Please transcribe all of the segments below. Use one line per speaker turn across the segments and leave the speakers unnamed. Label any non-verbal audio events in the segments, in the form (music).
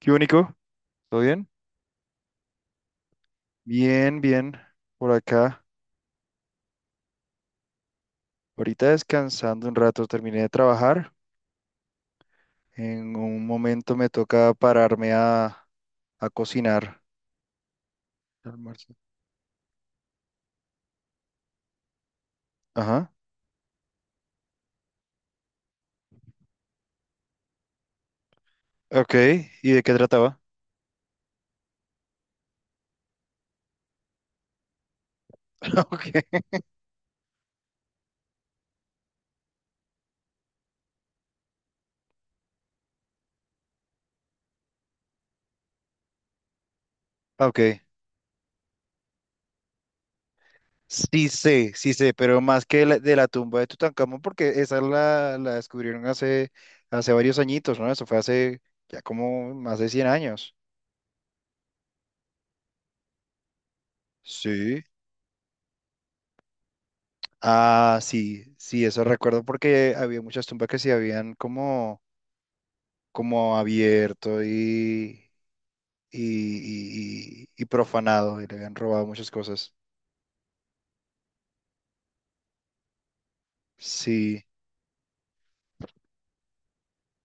¿Qué único? ¿Todo bien? Bien, bien. Por acá. Ahorita descansando un rato, terminé de trabajar. En un momento me toca pararme a cocinar. Almuerzo. Ajá. Ok. ¿Y de qué trataba? (laughs) Ok. Ok. Sí sé, pero más que de la tumba de Tutankamón, porque esa la descubrieron hace varios añitos, ¿no? Eso fue hace ya como más de 100 años. Sí. Ah, sí, sí, eso recuerdo porque había muchas tumbas que se habían como abierto y, y profanado y le habían robado muchas cosas. Sí.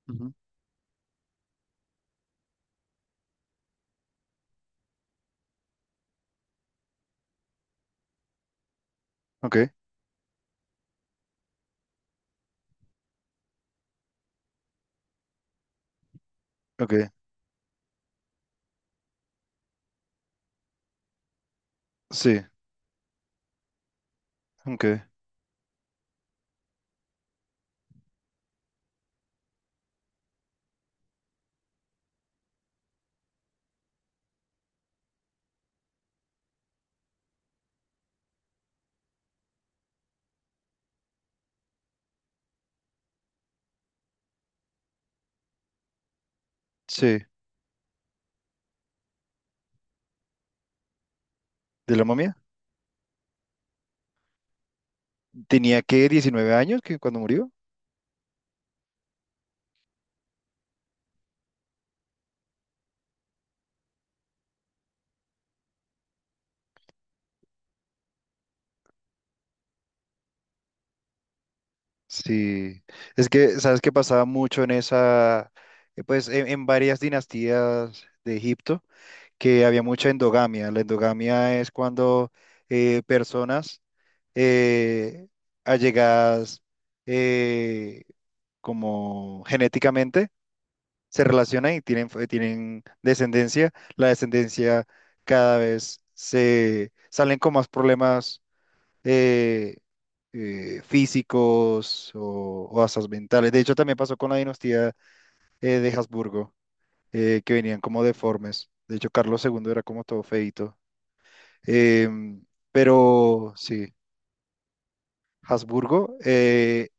Ujú. Ok, ok, sí, ok, sí. ¿De la momia? ¿Tenía que 19 años que cuando murió? Sí, es que, ¿sabes qué pasaba mucho en esa, pues en varias dinastías de Egipto? Que había mucha endogamia. La endogamia es cuando personas eh, allegadas, eh, como genéticamente, se relacionan y tienen, tienen descendencia. La descendencia cada vez se salen con más problemas eh, físicos o hasta mentales. De hecho, también pasó con la dinastía de Habsburgo, que venían como deformes. De hecho, Carlos II era como todo feito. Eh, pero sí, Habsburgo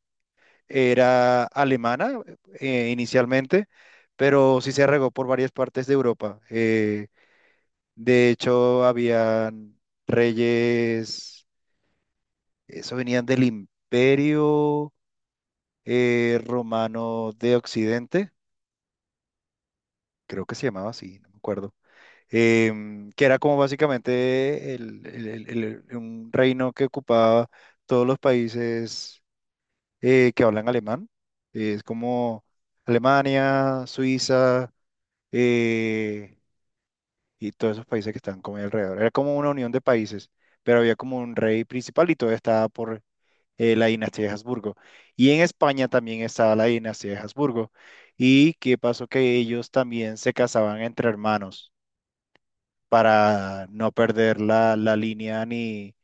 era alemana inicialmente, pero sí se regó por varias partes de Europa. De hecho, habían reyes, eso venían del Imperio Romano de Occidente, creo que se llamaba así, no me acuerdo. Que era como básicamente un reino que ocupaba todos los países que hablan alemán. Es como Alemania, Suiza, eh, y todos esos países que están como ahí alrededor. Era como una unión de países, pero había como un rey principal y todo estaba por la dinastía de Habsburgo. Y en España también estaba la dinastía de Habsburgo. ¿Y qué pasó? Que ellos también se casaban entre hermanos para no perder la línea ni...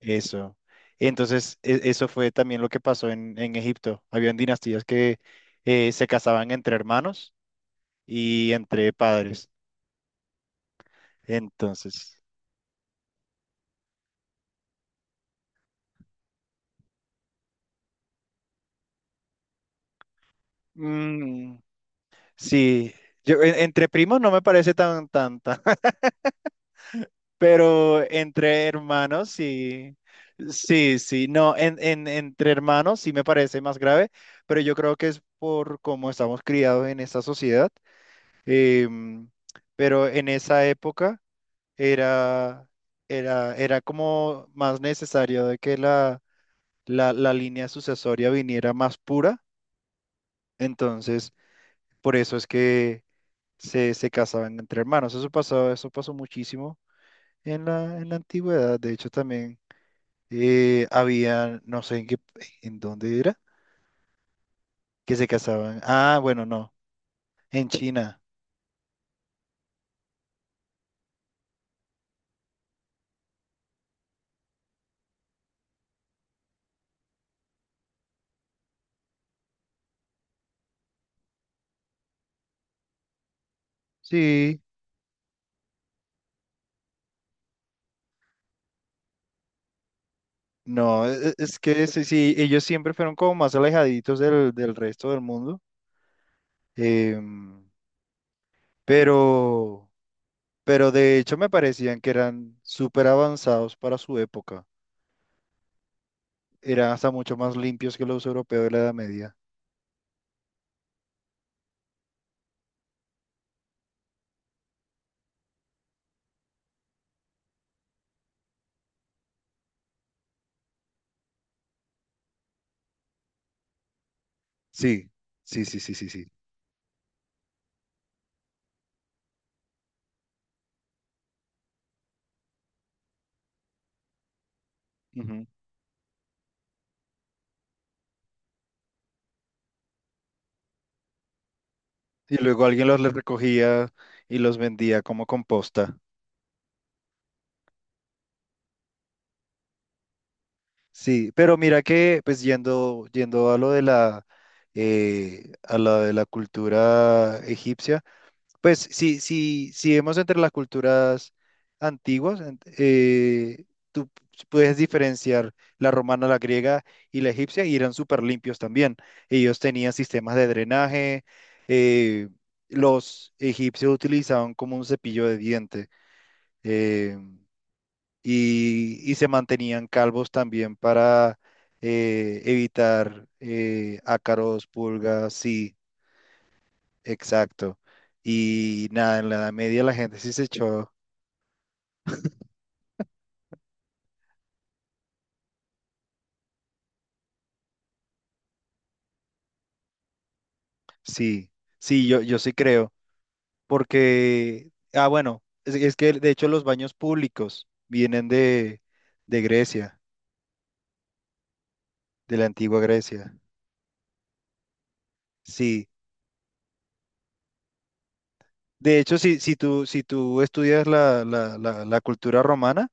Eso. Entonces, eso fue también lo que pasó en Egipto. Habían dinastías que se casaban entre hermanos y entre padres. Entonces, mm, sí, yo entre primos no me parece tan, tan, tan, (laughs) pero entre hermanos sí, sí, sí, no, entre hermanos sí me parece más grave, pero yo creo que es por cómo estamos criados en esta sociedad. Em, pero en esa época, era, era como más necesario de que la línea sucesoria viniera más pura. Entonces, por eso es que se casaban entre hermanos. Eso pasó muchísimo en la antigüedad. De hecho, también había, no sé en qué, en dónde era, que se casaban. Ah, bueno, no, en China. Sí. No, es que sí, sí, ellos siempre fueron como más alejaditos del resto del mundo. Em, pero, de hecho me parecían que eran súper avanzados para su época. Eran hasta mucho más limpios que los europeos de la Edad Media. Sí, sí, sí, sí, sí, sí. Ujú. Y luego alguien los le recogía y los vendía como composta. Sí, pero mira que, pues yendo a lo de la, a la de la cultura egipcia. Pues si vemos entre las culturas antiguas, tú puedes diferenciar la romana, la griega y la egipcia, y eran súper limpios también. Ellos tenían sistemas de drenaje, eh, los egipcios utilizaban como un cepillo de diente, eh, y, se mantenían calvos también para evitar ácaros, pulgas, sí. Exacto. Y nada, en la Edad Media la gente sí se echó, sí, sí, yo, sí creo, porque, ah, bueno, es, que de hecho los baños públicos vienen de, Grecia, de la antigua Grecia, sí. De hecho, si tú estudias la cultura romana.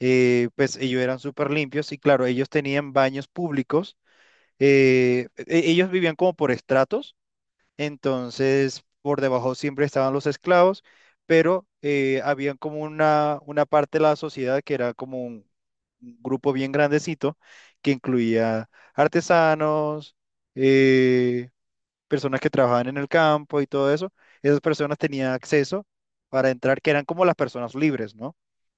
Pues ellos eran súper limpios y claro, ellos tenían baños públicos. Ellos vivían como por estratos. Entonces, por debajo siempre estaban los esclavos, pero había como una parte de la sociedad que era como un grupo bien grandecito que incluía artesanos, eh, personas que trabajaban en el campo y todo eso. Esas personas tenían acceso para entrar, que eran como las personas libres, ¿no?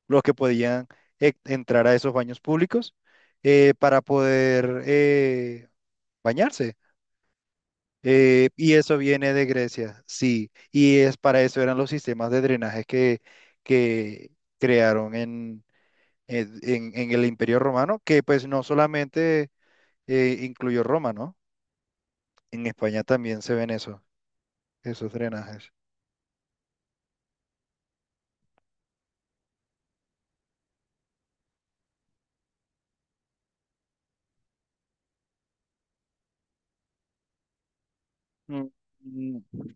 Los que podían entrar a esos baños públicos para poder bañarse. Y eso viene de Grecia, sí. Y es para eso eran los sistemas de drenaje que crearon en, en el Imperio Romano, que pues no solamente incluyó Roma, ¿no? En España también se ven eso, esos drenajes. Mm, mm.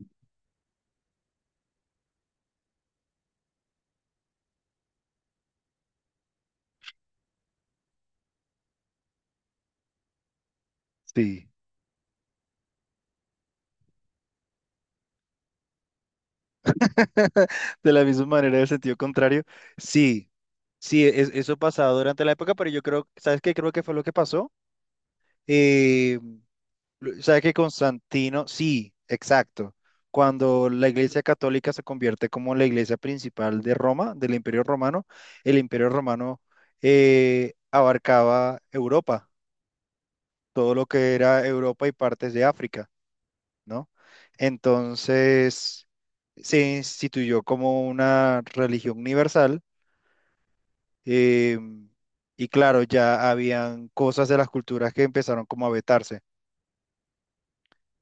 Sí. (laughs) De la misma manera, en el sentido contrario. Sí, sí, eso pasaba durante la época, pero yo creo, ¿sabes qué? Creo que fue lo que pasó. eh, O sea que Constantino, sí, exacto. Cuando la Iglesia Católica se convierte como la Iglesia principal de Roma, del Imperio Romano, el Imperio Romano abarcaba Europa, todo lo que era Europa y partes de África, ¿no? Entonces se instituyó como una religión universal, eh, y claro, ya habían cosas de las culturas que empezaron como a vetarse,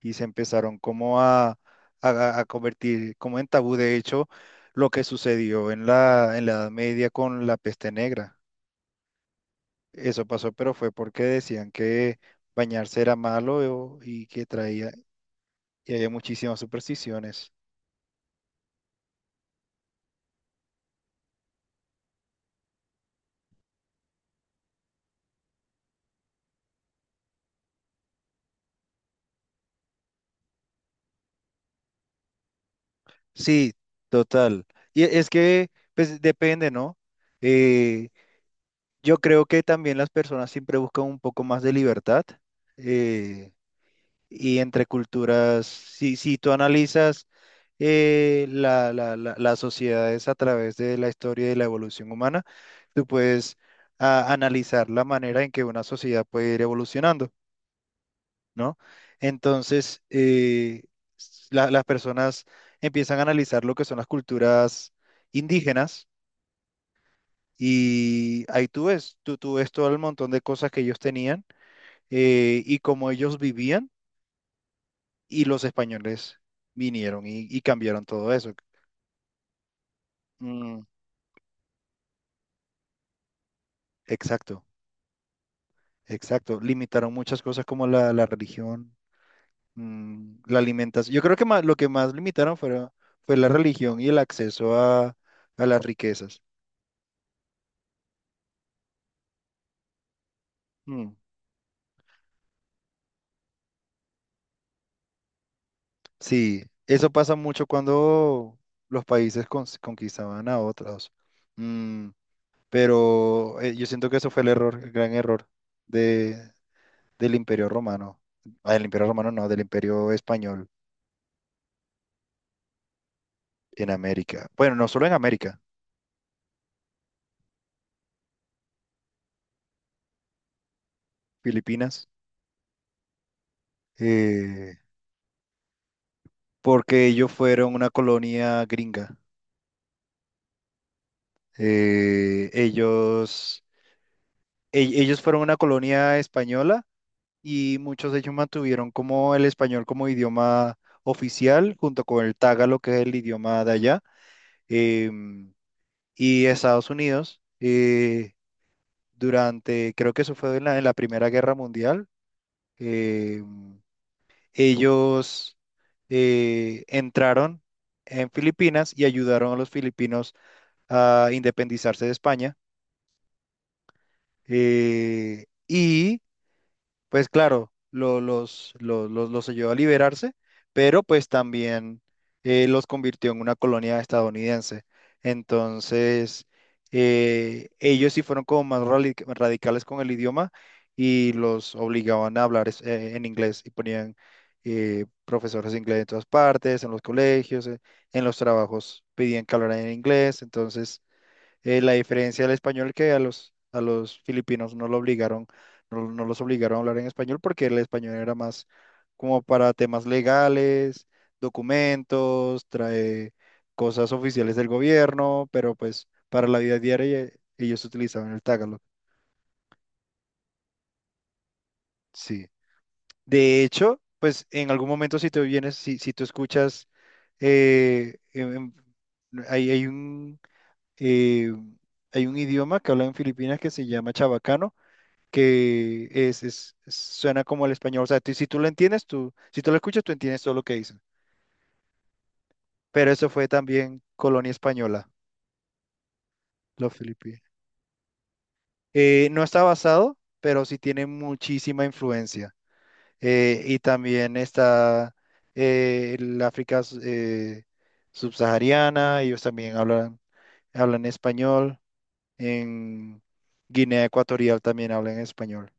y se empezaron como a convertir como en tabú. De hecho, lo que sucedió en la Edad Media con la peste negra. Eso pasó, pero fue porque decían que bañarse era malo y que traía, y había muchísimas supersticiones. Sí, total. Y es que, pues depende, ¿no? Eh, yo creo que también las personas siempre buscan un poco más de libertad. Eh, y entre culturas, si tú analizas la, las sociedades a través de la historia y la evolución humana, tú puedes analizar la manera en que una sociedad puede ir evolucionando, ¿no? Entonces, las personas empiezan a analizar lo que son las culturas indígenas, y ahí tú ves, tú, ves todo el montón de cosas que ellos tenían, y cómo ellos vivían, y los españoles vinieron y, cambiaron todo eso. Mm, exacto, exacto. Limitaron muchas cosas como la religión, la alimentación. Yo creo que más, lo que más limitaron fue, la religión y el acceso a las riquezas. Mm, sí, eso pasa mucho cuando los países conquistaban a otros. Mm, pero yo siento que eso fue el error, el gran error de, del Imperio Romano. Ah, del Imperio Romano no, del Imperio Español en América. Bueno, no solo en América, Filipinas. eh, Porque ellos fueron una colonia gringa. Eh, ellos, Ellos fueron una colonia española, y muchos de ellos mantuvieron como el español como idioma oficial, junto con el tagalo, que es el idioma de allá. Em, y Estados Unidos, durante, creo que eso fue en la Primera Guerra Mundial. em, Ellos entraron en Filipinas y ayudaron a los filipinos a independizarse de España. Y pues claro, los ayudó a liberarse, pero pues también los convirtió en una colonia estadounidense. Entonces, ellos sí fueron como más radicales con el idioma, y los obligaban a hablar en inglés, y ponían profesores de inglés en todas partes, en los colegios, en los trabajos pedían que hablaran en inglés. Entonces, la diferencia del español, que a los filipinos no lo obligaron, no los obligaron a hablar en español, porque el español era más como para temas legales, documentos, trae cosas oficiales del gobierno, pero pues para la vida diaria, ellos utilizaban el tagalog. Sí. De hecho, pues en algún momento si te vienes, si tú escuchas, eh, em- em, hay, hay un, eh, hay un idioma que hablan en Filipinas que se llama chabacano, que es, suena como el español. O sea, si tú lo entiendes, tú, si tú lo escuchas, tú entiendes todo lo que dicen. Pero eso fue también colonia española, los filipinos. No está basado, pero sí tiene muchísima influencia. Y también está, el África subsahariana, ellos también hablan, español. En Guinea Ecuatorial también hablan español,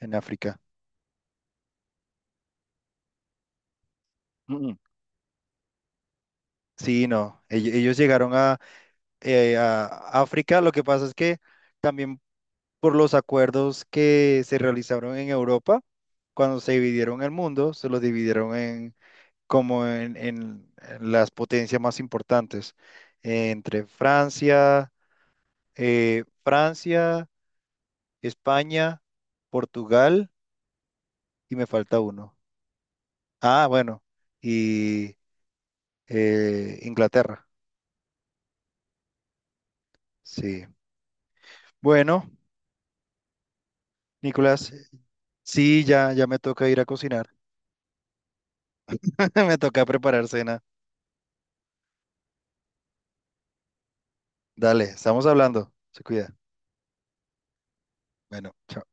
en África. Mm, mm. Sí, no, ellos llegaron a África. Lo que pasa es que también por los acuerdos que se realizaron en Europa, cuando se dividieron el mundo, se los dividieron en como en, en las potencias más importantes, entre Francia, eh, Francia, España, Portugal y me falta uno. Ah, bueno, y Inglaterra. Sí. Bueno, Nicolás, sí, ya, me toca ir a cocinar. (laughs) Me toca preparar cena. Dale, estamos hablando. Se cuida. Bueno, chao.